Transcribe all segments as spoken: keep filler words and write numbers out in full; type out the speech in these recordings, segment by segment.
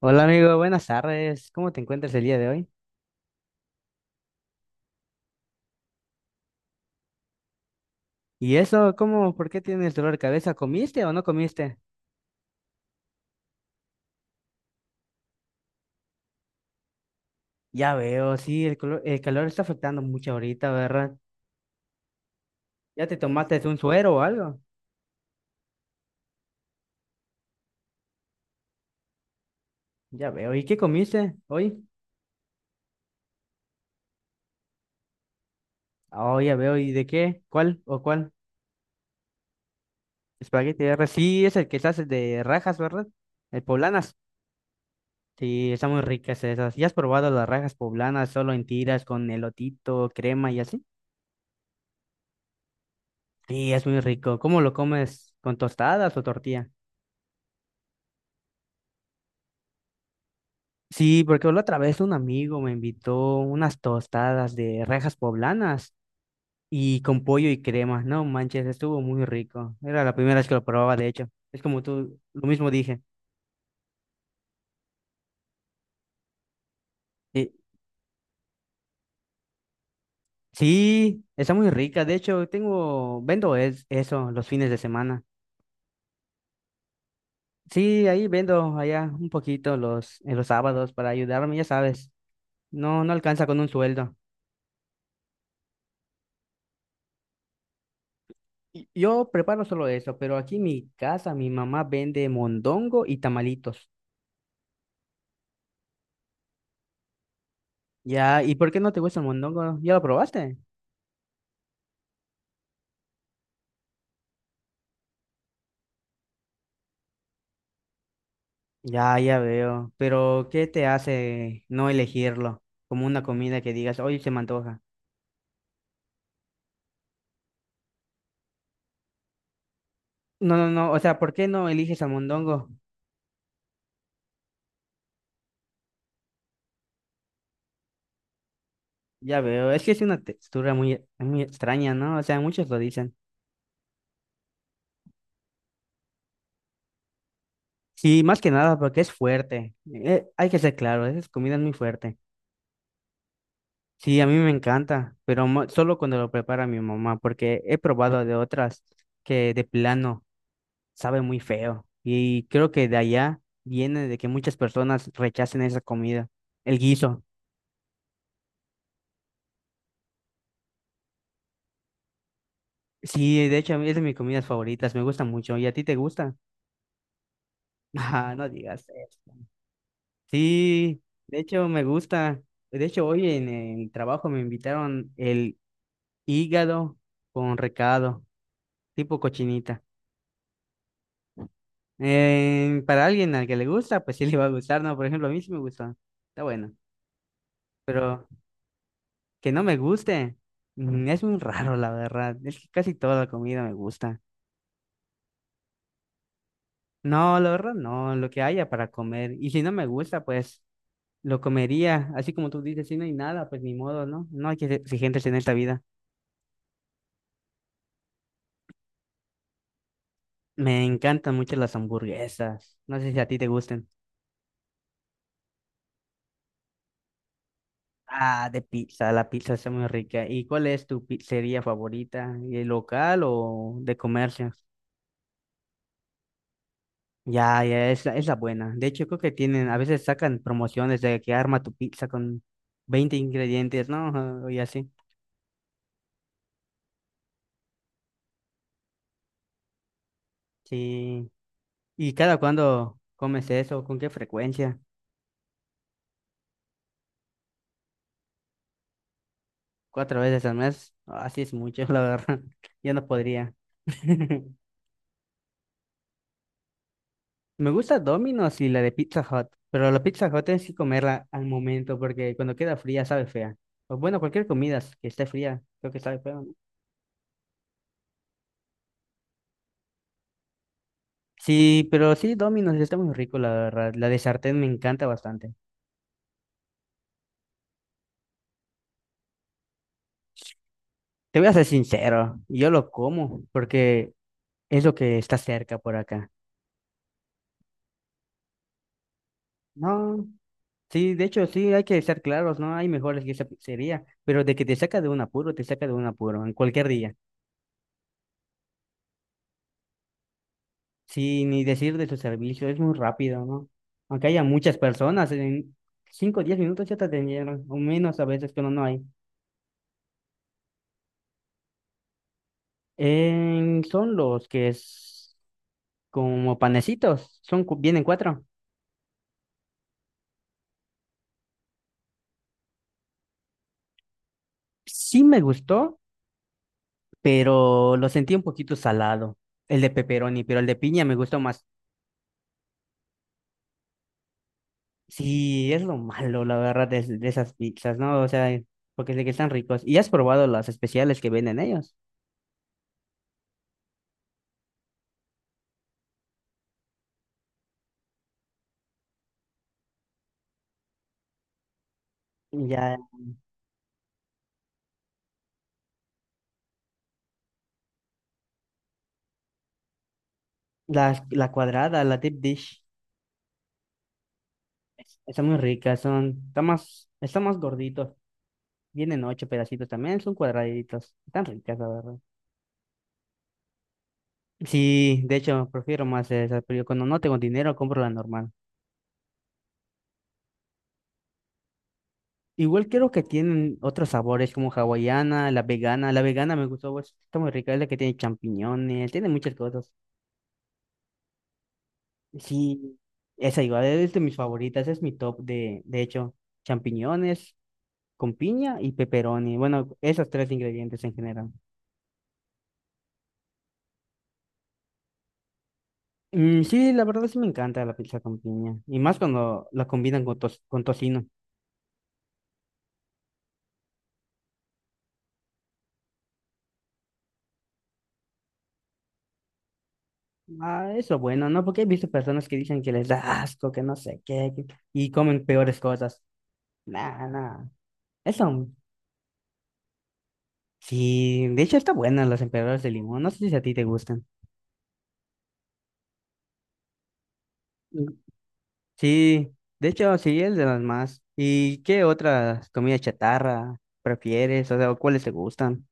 Hola amigo, buenas tardes. ¿Cómo te encuentras el día de hoy? ¿Y eso? ¿Cómo? ¿Por qué tienes dolor de cabeza? ¿Comiste o no comiste? Ya veo, sí, el colo- el calor está afectando mucho ahorita, ¿verdad? ¿Ya te tomaste un suero o algo? Ya veo. ¿Y qué comiste hoy? Oh, ya veo. ¿Y de qué? ¿Cuál o cuál? Espagueti R. Sí, es el que se hace de rajas, ¿verdad? El poblanas. Sí, están muy ricas esas. ¿Ya has probado las rajas poblanas solo en tiras con elotito, crema y así? Sí, es muy rico. ¿Cómo lo comes? ¿Con tostadas o tortilla? Sí, porque la otra vez un amigo me invitó unas tostadas de rejas poblanas y con pollo y crema. No manches, estuvo muy rico. Era la primera vez que lo probaba, de hecho. Es como tú, lo mismo dije. Eh, sí, está muy rica. De hecho, tengo, vendo es, eso los fines de semana. Sí, ahí vendo allá un poquito los, en los sábados para ayudarme, ya sabes. No, no alcanza con un sueldo. Y- Yo preparo solo eso, pero aquí en mi casa mi mamá vende mondongo y tamalitos. Ya, ¿y por qué no te gusta el mondongo? ¿Ya lo probaste? Ya, ya veo. Pero, ¿qué te hace no elegirlo como una comida que digas, oye, se me antoja? No, no, no, o sea, ¿por qué no eliges al mondongo? Ya veo, es que es una textura muy, muy extraña, ¿no? O sea, muchos lo dicen. Sí, más que nada porque es fuerte. Eh, hay que ser claro, esa comida es muy fuerte. Sí, a mí me encanta, pero mo- solo cuando lo prepara mi mamá, porque he probado de otras que de plano sabe muy feo. Y creo que de allá viene de que muchas personas rechacen esa comida, el guiso. Sí, de hecho, a mí es de mis comidas favoritas, me gusta mucho. ¿Y a ti te gusta? Ah, no digas eso. Sí, de hecho, me gusta. De hecho, hoy en el trabajo me invitaron el hígado con recado, tipo cochinita. Eh, para alguien al que le gusta, pues sí le va a gustar, ¿no? Por ejemplo, a mí sí me gusta. Está bueno. Pero que no me guste. Mm, Es muy raro, la verdad. Es que casi toda la comida me gusta. No, la verdad, no, lo que haya para comer. Y si no me gusta, pues lo comería. Así como tú dices, si no hay nada, pues ni modo, ¿no? No hay que ser exigentes en esta vida. Me encantan mucho las hamburguesas. No sé si a ti te gusten. Ah, de pizza, la pizza está muy rica. ¿Y cuál es tu pizzería favorita? ¿El local o de comercio? Ya, ya, es la, es la buena. De hecho, creo que tienen, a veces sacan promociones de que arma tu pizza con veinte ingredientes, ¿no? Y así. Sí. ¿Y cada cuándo comes eso? ¿Con qué frecuencia? ¿Cuatro veces al mes? Así es mucho, la verdad. Yo no podría. Me gusta Domino's y la de Pizza Hut, pero la Pizza Hut tienes que comerla al momento porque cuando queda fría sabe fea. O bueno, cualquier comida que esté fría, creo que sabe fea. Sí, pero sí, Domino's sí está muy rico, la verdad. La de sartén me encanta bastante. Te voy a ser sincero, yo lo como porque es lo que está cerca por acá. No, sí, de hecho, sí, hay que ser claros, ¿no? Hay mejores que esa pizzería, pero de que te saca de un apuro, te saca de un apuro, en cualquier día. Sí, ni decir de su servicio, es muy rápido, ¿no? Aunque haya muchas personas, en cinco o diez minutos ya te atendieron, o menos a veces, pero no hay. Eh, son los que es como panecitos, son, cu- vienen cuatro. Sí me gustó, pero lo sentí un poquito salado, el de pepperoni, pero el de piña me gustó más. Sí, es lo malo, la verdad, de, de esas pizzas, ¿no? O sea, eh, porque sé que están ricos. ¿Y has probado las especiales que venden ellos? Ya, la, la cuadrada, la deep dish, están muy ricas, son, están más, están más gorditos. Vienen ocho pedacitos también, son cuadraditos, están ricas, la verdad. Sí, de hecho, prefiero más esas, pero yo cuando no tengo dinero compro la normal. Igual creo que tienen otros sabores como hawaiana, la vegana. La vegana me gustó, pues, está muy rica, es la que tiene champiñones, tiene muchas cosas. Sí, esa igual es de mis favoritas, es mi top de, de hecho, champiñones con piña y pepperoni. Bueno, esos tres ingredientes en general. Mm, sí, la verdad sí me encanta la pizza con piña y más cuando la combinan con, tos- con tocino. Ah, eso bueno, ¿no? Porque he visto personas que dicen que les da asco, que no sé qué, que y comen peores cosas. Nah, nah. Eso sí, de hecho está buena las emperadoras de limón. No sé si a ti te gustan. Mm. Sí, de hecho sí, es de las más. ¿Y qué otras comidas chatarra prefieres? O sea, ¿cuáles te gustan?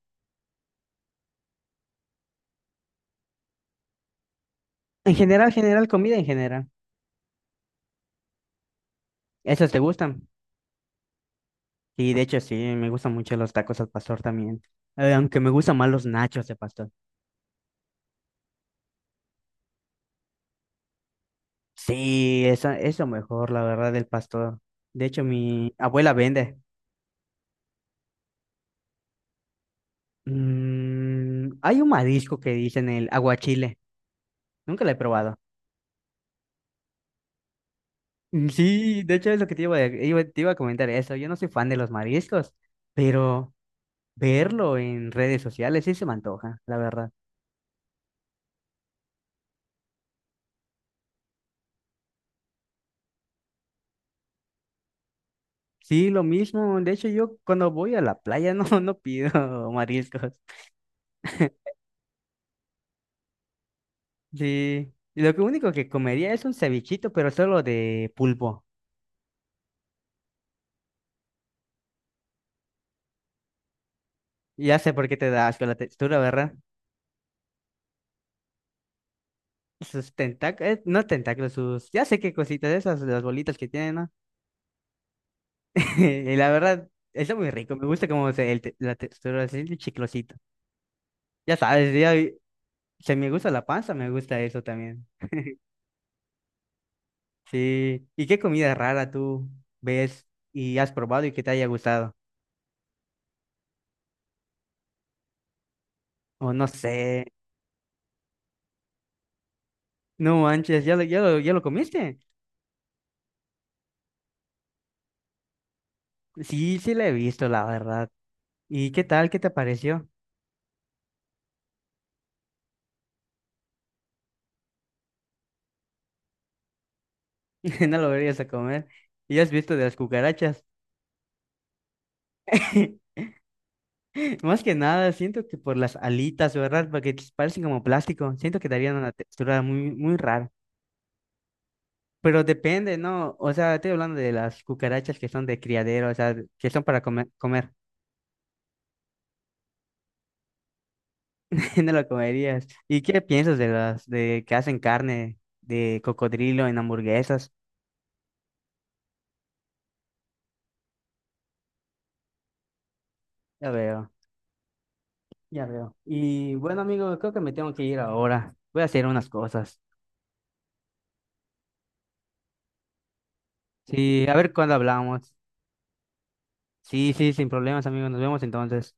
En general, general, comida en general. ¿Esas te gustan? Sí, de hecho sí, me gustan mucho los tacos al pastor también. Eh, aunque me gustan más los nachos de pastor. Sí, esa, eso mejor, la verdad, del pastor. De hecho, mi abuela vende. Mm, hay un marisco que dicen el aguachile. Nunca lo he probado. Mm, Sí, de hecho es lo que te iba, a- iba- te iba a comentar eso. Yo no soy fan de los mariscos, pero verlo en redes sociales sí se me antoja, la verdad. Sí, lo mismo. De hecho, yo cuando voy a la playa no, no pido mariscos. Sí, y lo que único que comería es un cevichito, pero solo de pulpo. Ya sé por qué te da asco la textura, ¿verdad? Sus tentáculos, no tentáculos, sus, ya sé qué cositas esas, las bolitas que tienen, ¿no? Y la verdad, está muy rico, me gusta como se, el te- la textura, así, chiclosita. Ya sabes, ya, se me gusta la panza, me gusta eso también. Sí. ¿Y qué comida rara tú ves y has probado y que te haya gustado? O no sé. No manches, ¿ya lo, ya lo, ya lo comiste? Sí, sí la he visto, la verdad. ¿Y qué tal? ¿Qué te pareció? No lo verías a comer. ¿Y has visto de las cucarachas? Más que nada, siento que por las alitas, ¿verdad? Porque parecen como plástico. Siento que darían una textura muy, muy rara. Pero depende, ¿no? O sea, estoy hablando de las cucarachas que son de criadero, o sea, que son para come- comer. No lo comerías. ¿Y qué piensas de las de que hacen carne de cocodrilo en hamburguesas? Ya veo, ya veo. Y bueno, amigo, creo que me tengo que ir ahora. Voy a hacer unas cosas. Sí, a ver cuándo hablamos. Sí, sí, sin problemas, amigo. Nos vemos entonces.